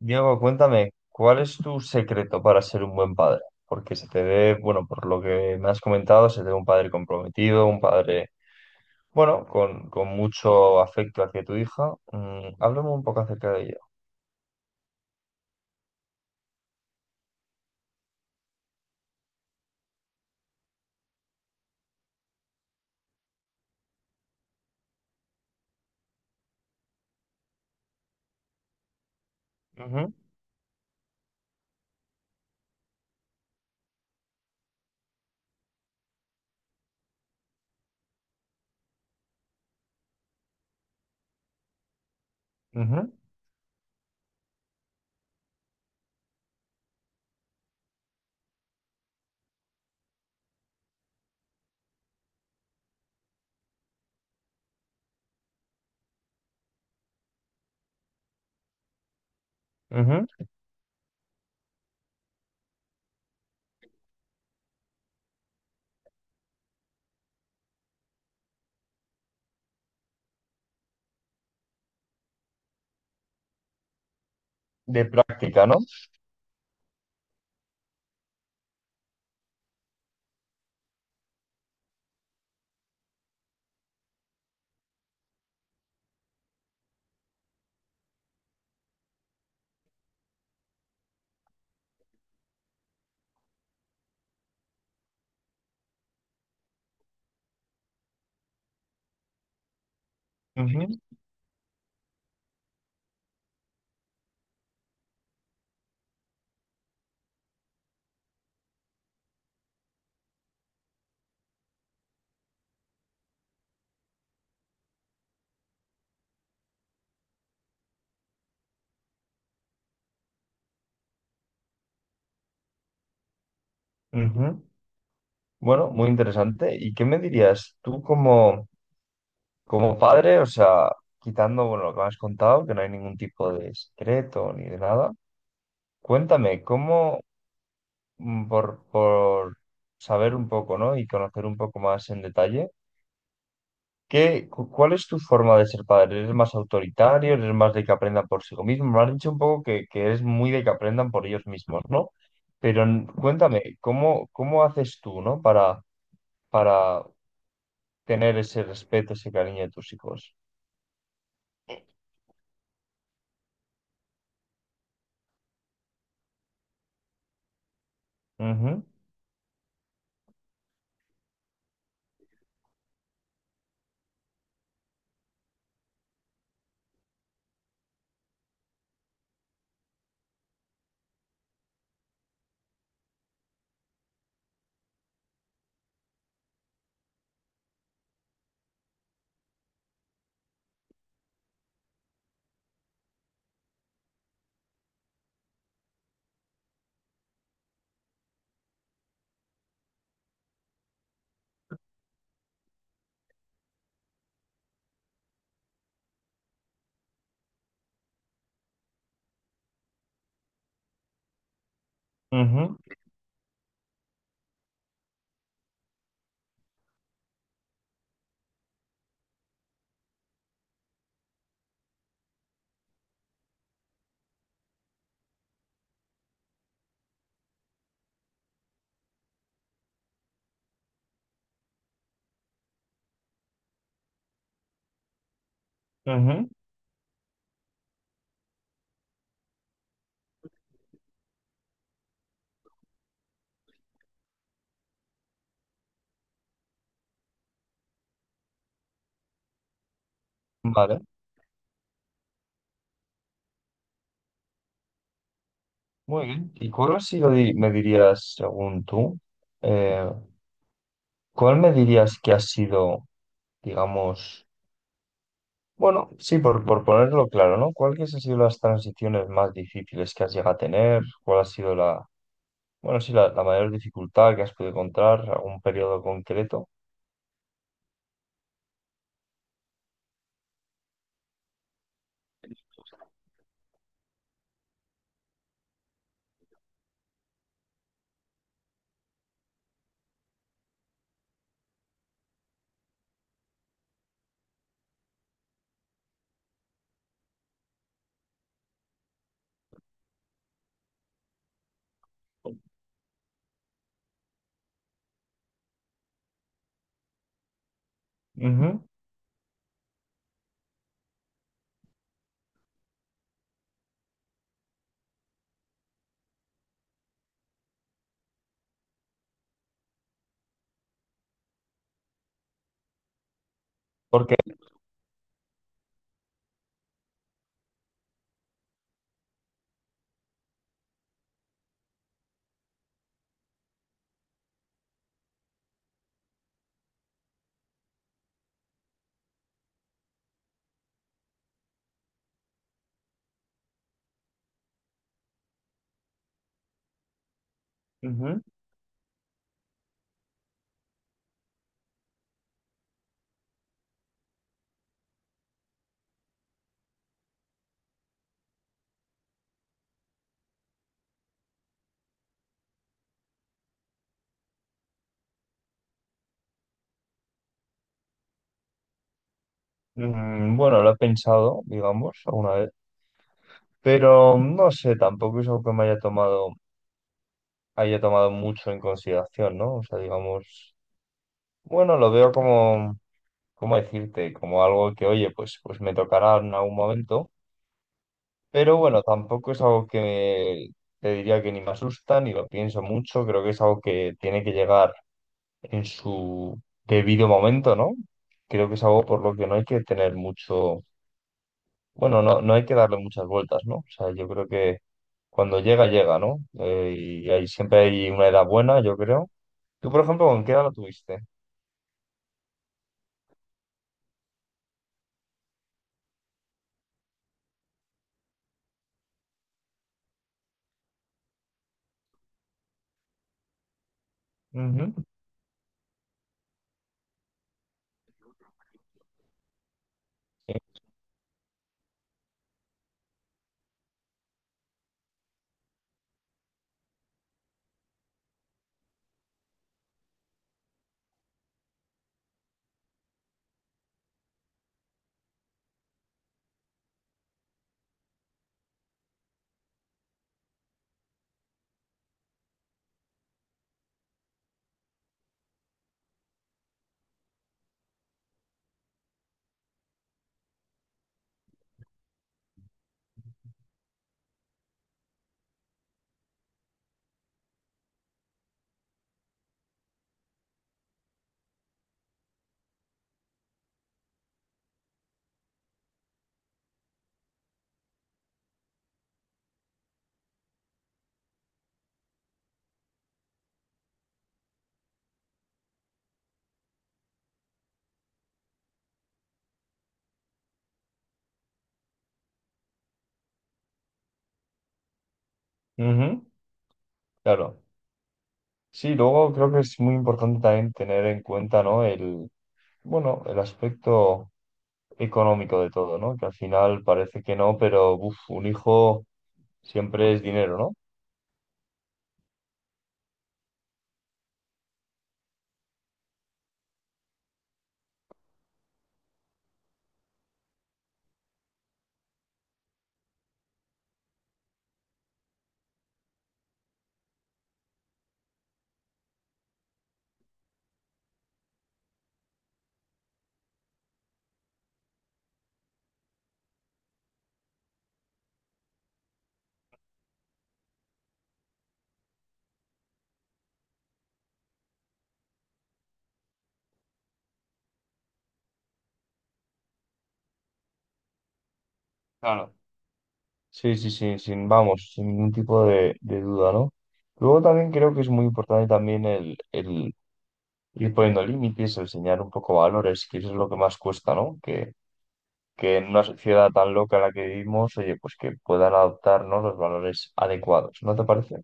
Diego, cuéntame, ¿cuál es tu secreto para ser un buen padre? Porque se te ve, bueno, por lo que me has comentado, se te ve un padre comprometido, un padre, bueno, con mucho afecto hacia tu hija. Háblame un poco acerca de ello. Ujú, ujú, ujú. De práctica, ¿no? Ujú, ujú. Bueno, muy interesante. ¿Y qué me dirías tú como, como padre? O sea, quitando, bueno, lo que me has contado, que no hay ningún tipo de secreto ni de nada. Cuéntame, ¿cómo, por saber un poco, ¿no? Y conocer un poco más en detalle. ¿Qué, cuál es tu forma de ser padre? ¿Eres más autoritario? ¿Eres más de que aprendan por sí mismos? Me has dicho un poco que eres muy de que aprendan por ellos mismos, ¿no? Pero cuéntame, ¿cómo, cómo haces tú, ¿no? Para tener ese respeto, ese cariño de tus hijos. Ujú, ujú, ujú. Vale, muy bien. ¿Y cuál ha sido, me dirías, según tú, eh, cuál me dirías que ha sido digamos, bueno, sí, por ponerlo claro, ¿no? ¿Cuáles han sido las transiciones más difíciles que has llegado a tener? ¿Cuál ha sido la, bueno, sí, la mayor dificultad que has podido encontrar? ¿Algún periodo concreto? Ujú. Porque, ujú, bueno, lo he pensado, digamos, alguna vez, pero no sé, tampoco es algo que me haya tomado mucho en consideración, ¿no? O sea, digamos, bueno, lo veo como... ¿Cómo decirte? Como algo que, oye, pues, pues me tocará en algún momento. Pero bueno, tampoco es algo que te diría que ni me asusta, ni lo pienso mucho. Creo que es algo que tiene que llegar en su debido momento, ¿no? Creo que es algo por lo que no hay que tener mucho, bueno, no, no hay que darle muchas vueltas, ¿no? O sea, yo creo que cuando llega, llega, ¿no? Y hay, siempre hay una edad buena, yo creo. Tú, por ejemplo, ¿con qué edad lo tuviste? Ujú. Sí. Ujú. Claro. Sí, luego creo que es muy importante también tener en cuenta, ¿no? El, bueno, el aspecto económico de todo, ¿no? Que al final parece que no, pero uf, un hijo siempre es dinero, ¿no? Claro. Sí, sí, sí, sin, vamos, sin ningún tipo de duda, ¿no? Luego también creo que es muy importante también el ir poniendo límites, el enseñar un poco valores, que eso es lo que más cuesta, ¿no? Que en una sociedad tan loca en la que vivimos, oye, pues que puedan adoptarnos los valores adecuados, ¿no te parece?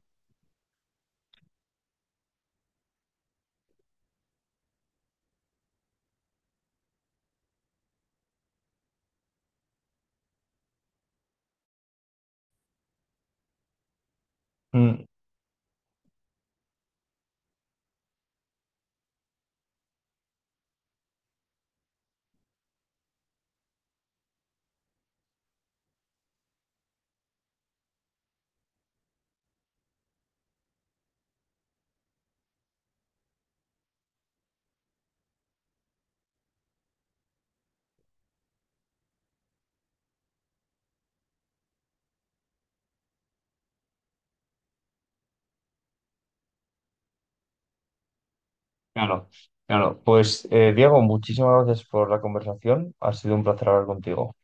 Mm. Claro, claro. Pues, Diego, muchísimas gracias por la conversación. Ha sido un placer hablar contigo.